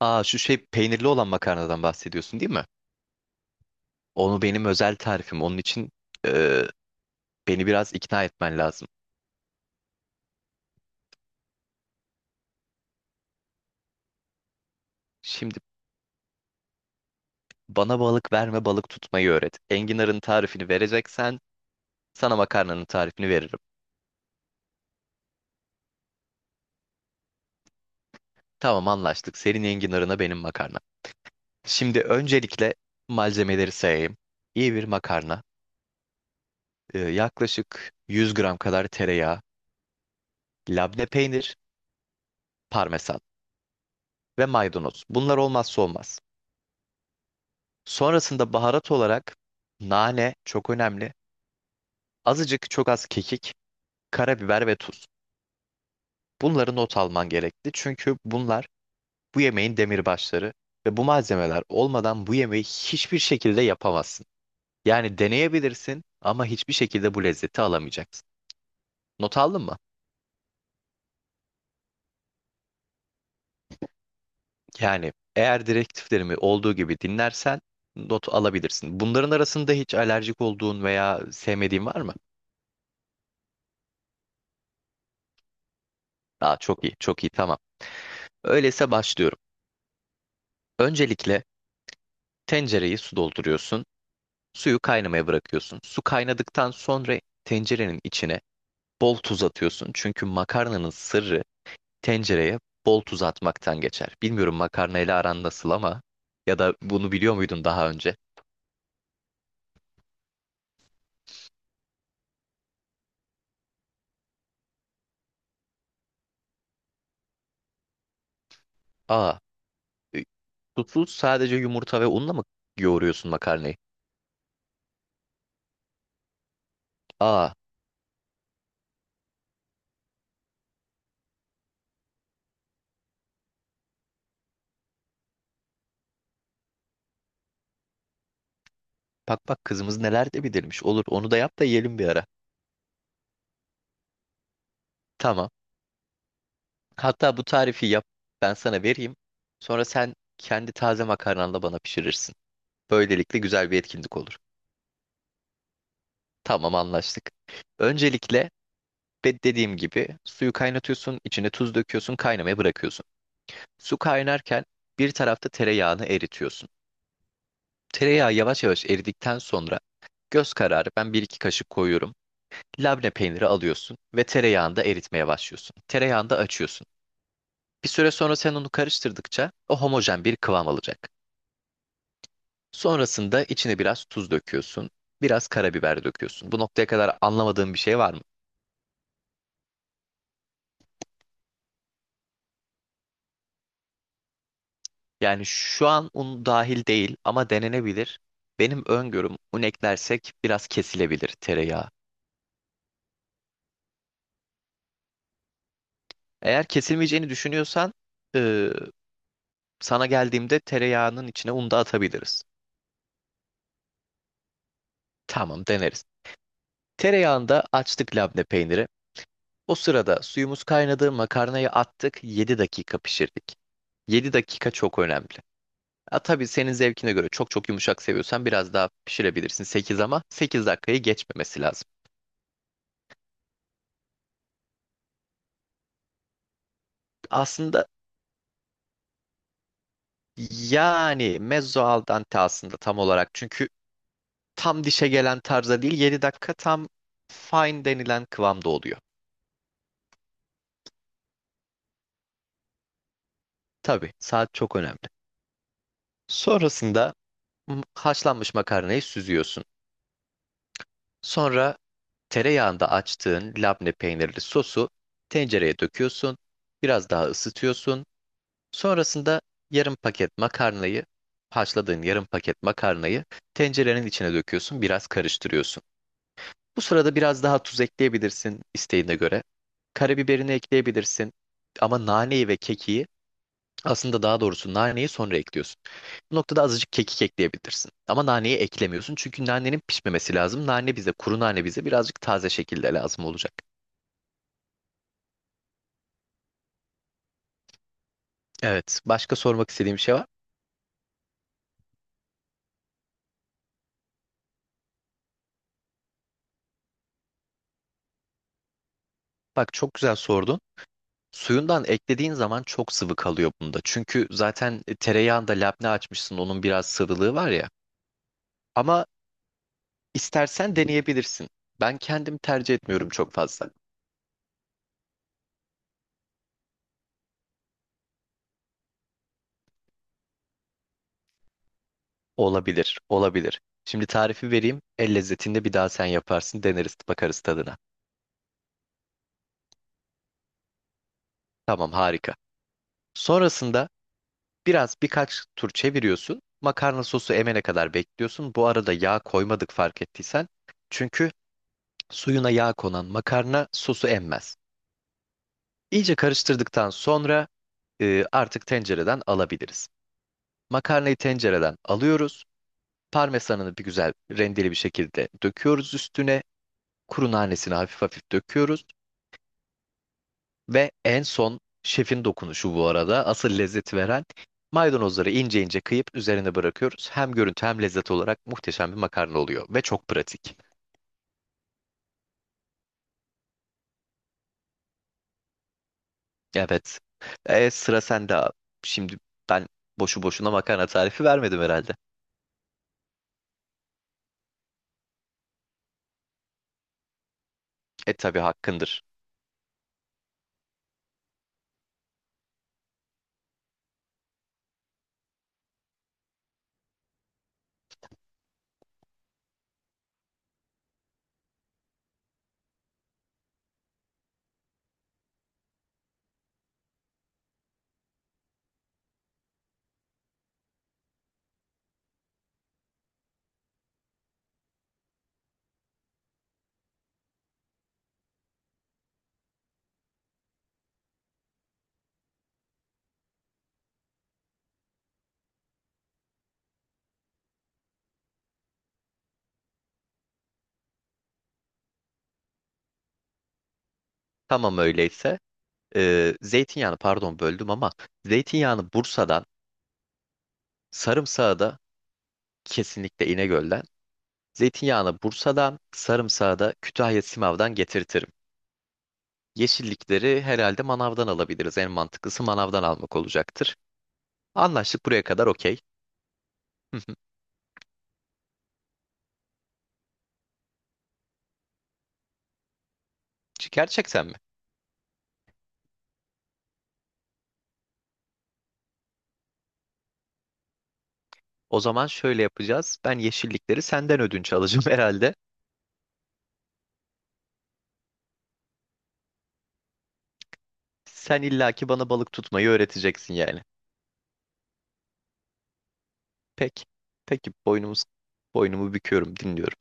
Aa şu şey peynirli olan makarnadan bahsediyorsun değil mi? Onu benim özel tarifim. Onun için e, beni biraz ikna etmen lazım. Şimdi bana balık verme balık tutmayı öğret. Enginar'ın tarifini vereceksen sana makarnanın tarifini veririm. Tamam anlaştık. Senin enginarına benim makarna. Şimdi öncelikle malzemeleri sayayım. İyi bir makarna. Yaklaşık 100 gram kadar tereyağı, labne peynir, parmesan ve maydanoz. Bunlar olmazsa olmaz. Sonrasında baharat olarak nane çok önemli. Azıcık çok az kekik, karabiber ve tuz. Bunları not alman gerekli. Çünkü bunlar bu yemeğin demirbaşları ve bu malzemeler olmadan bu yemeği hiçbir şekilde yapamazsın. Yani deneyebilirsin ama hiçbir şekilde bu lezzeti alamayacaksın. Not aldın mı? Yani eğer direktiflerimi olduğu gibi dinlersen not alabilirsin. Bunların arasında hiç alerjik olduğun veya sevmediğin var mı? Aa, çok iyi, çok iyi, tamam. Öyleyse başlıyorum. Öncelikle tencereyi su dolduruyorsun. Suyu kaynamaya bırakıyorsun. Su kaynadıktan sonra tencerenin içine bol tuz atıyorsun. Çünkü makarnanın sırrı tencereye bol tuz atmaktan geçer. Bilmiyorum makarnayla aran nasıl ama ya da bunu biliyor muydun daha önce? Aa, E, susuz sadece yumurta ve unla mı yoğuruyorsun makarnayı? Aa, bak bak kızımız neler de bilirmiş. Olur onu da yap da yiyelim bir ara. Tamam. Hatta bu tarifi yap ben sana vereyim. Sonra sen kendi taze makarnanla bana pişirirsin. Böylelikle güzel bir etkinlik olur. Tamam anlaştık. Öncelikle dediğim gibi suyu kaynatıyorsun, içine tuz döküyorsun, kaynamaya bırakıyorsun. Su kaynarken bir tarafta tereyağını eritiyorsun. Tereyağı yavaş yavaş eridikten sonra göz kararı ben bir iki kaşık koyuyorum. Labne peyniri alıyorsun ve tereyağında eritmeye başlıyorsun. Tereyağında açıyorsun. Bir süre sonra sen onu karıştırdıkça o homojen bir kıvam alacak. Sonrasında içine biraz tuz döküyorsun, biraz karabiber döküyorsun. Bu noktaya kadar anlamadığın bir şey var mı? Yani şu an un dahil değil ama denenebilir. Benim öngörüm un eklersek biraz kesilebilir tereyağı. Eğer kesilmeyeceğini düşünüyorsan eee, sana geldiğimde tereyağının içine un da atabiliriz. Tamam deneriz. Tereyağında açtık labne peyniri. O sırada suyumuz kaynadı, makarnayı attık, 7 dakika pişirdik. 7 dakika çok önemli. Ha, tabii senin zevkine göre çok çok yumuşak seviyorsan biraz daha pişirebilirsin 8 ama 8 dakikayı geçmemesi lazım. Aslında yani mezzo al dente aslında tam olarak çünkü tam dişe gelen tarza değil 7 dakika tam fine denilen kıvamda oluyor. Tabii saat çok önemli. Sonrasında haşlanmış makarnayı süzüyorsun. Sonra tereyağında açtığın labne peynirli sosu tencereye döküyorsun. Biraz daha ısıtıyorsun. Sonrasında yarım paket makarnayı, haşladığın yarım paket makarnayı tencerenin içine döküyorsun. Biraz karıştırıyorsun. Bu sırada biraz daha tuz ekleyebilirsin isteğine göre. Karabiberini ekleyebilirsin. Ama naneyi ve kekiği aslında daha doğrusu naneyi sonra ekliyorsun. Bu noktada azıcık kekik ekleyebilirsin. Ama naneyi eklemiyorsun çünkü nanenin pişmemesi lazım. Nane bize, kuru nane bize birazcık taze şekilde lazım olacak. Evet. Başka sormak istediğim bir şey var. Bak çok güzel sordun. Suyundan eklediğin zaman çok sıvı kalıyor bunda. Çünkü zaten tereyağında labne açmışsın. Onun biraz sıvılığı var ya. Ama istersen deneyebilirsin. Ben kendim tercih etmiyorum çok fazla. Olabilir, olabilir. Şimdi tarifi vereyim. El lezzetinde bir daha sen yaparsın. Deneriz, bakarız tadına. Tamam, harika. Sonrasında biraz birkaç tur çeviriyorsun. Makarna sosu emene kadar bekliyorsun. Bu arada yağ koymadık fark ettiysen. Çünkü suyuna yağ konan makarna sosu emmez. İyice karıştırdıktan sonra artık tencereden alabiliriz. Makarnayı tencereden alıyoruz. Parmesanını bir güzel rendeli bir şekilde döküyoruz üstüne. Kuru nanesini hafif hafif döküyoruz. Ve en son şefin dokunuşu bu arada asıl lezzet veren maydanozları ince ince kıyıp üzerine bırakıyoruz. Hem görüntü hem lezzet olarak muhteşem bir makarna oluyor ve çok pratik. Evet. E, sıra sende abi. Şimdi ben boşu boşuna makarna tarifi vermedim herhalde. E tabii hakkındır. Tamam öyleyse. E, zeytinyağını pardon böldüm ama zeytinyağını Bursa'dan, sarımsağı da kesinlikle İnegöl'den. Zeytinyağını Bursa'dan, sarımsağı da Kütahya Simav'dan getirtirim. Yeşillikleri herhalde manavdan alabiliriz. En mantıklısı manavdan almak olacaktır. Anlaştık buraya kadar okey. Gerçekten mi? O zaman şöyle yapacağız. Ben yeşillikleri senden ödünç alacağım herhalde. Sen illaki bana balık tutmayı öğreteceksin yani. Peki. Peki boynumu büküyorum, dinliyorum.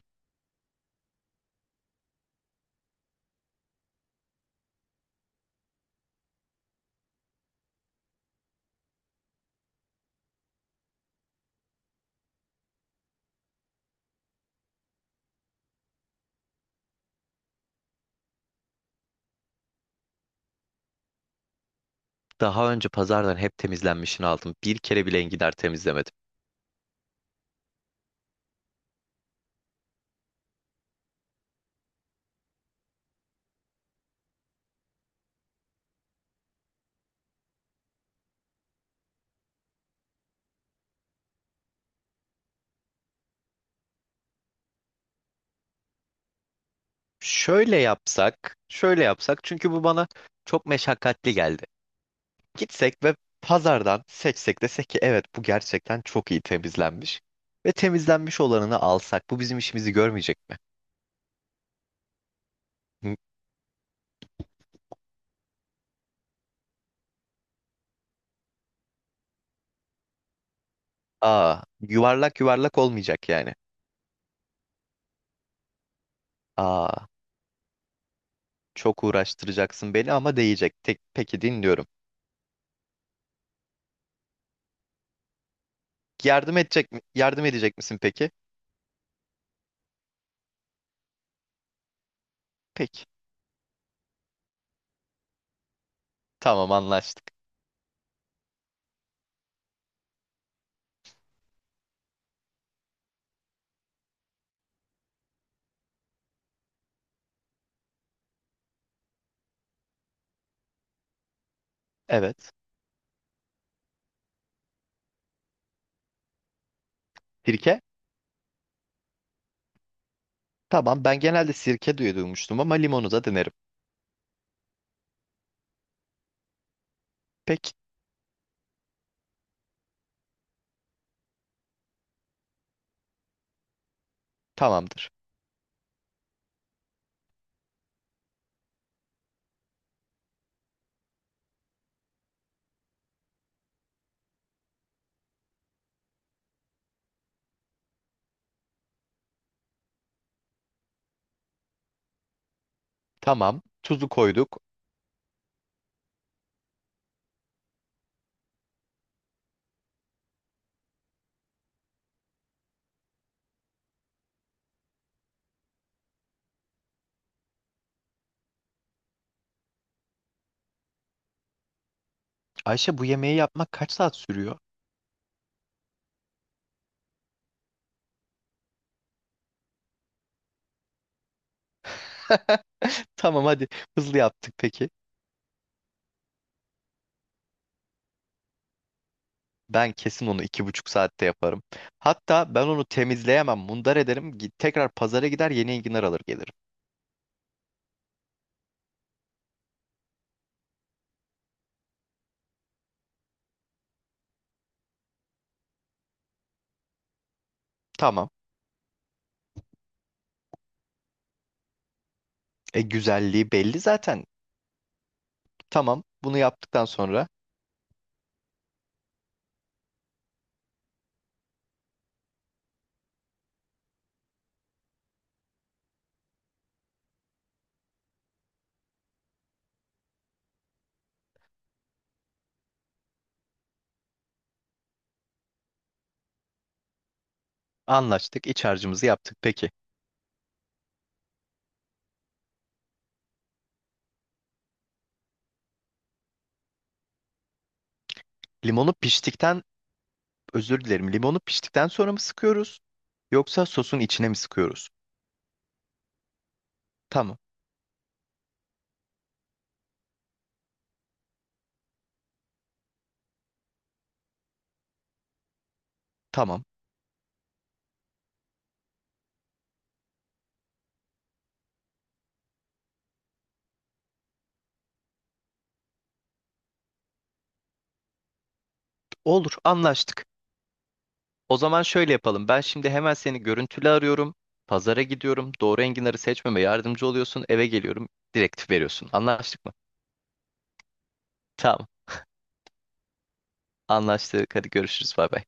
Daha önce pazardan hep temizlenmişini aldım. Bir kere bile enginar temizlemedim. Şöyle yapsak çünkü bu bana çok meşakkatli geldi. Gitsek ve pazardan seçsek desek ki evet bu gerçekten çok iyi temizlenmiş. Ve temizlenmiş olanını alsak bu bizim işimizi görmeyecek mi? Hı. Aa, yuvarlak yuvarlak olmayacak yani. Aa, çok uğraştıracaksın beni ama değecek. Tek, peki dinliyorum. Yardım edecek mi? Yardım edecek misin peki? Peki. Tamam anlaştık. Evet. Sirke? Tamam ben genelde sirke diye duymuştum ama limonu da denerim. Peki. Tamamdır. Tamam. Tuzu koyduk. Ayşe bu yemeği yapmak kaç saat sürüyor? Tamam hadi hızlı yaptık peki. Ben kesin onu 2,5 saatte yaparım. Hatta ben onu temizleyemem, mundar ederim. Git, tekrar pazara gider yeni enginar alır gelirim. Tamam. E güzelliği belli zaten. Tamam, bunu yaptıktan sonra anlaştık, iç harcımızı yaptık. Peki, limonu piştikten, özür dilerim, limonu piştikten sonra mı sıkıyoruz? Yoksa sosun içine mi sıkıyoruz? Tamam, tamam. Olur, anlaştık. O zaman şöyle yapalım. Ben şimdi hemen seni görüntülü arıyorum. Pazara gidiyorum. Doğru enginarı seçmeme yardımcı oluyorsun. Eve geliyorum. Direktif veriyorsun. Anlaştık mı? Tamam, anlaştık. Hadi görüşürüz. Bay bay.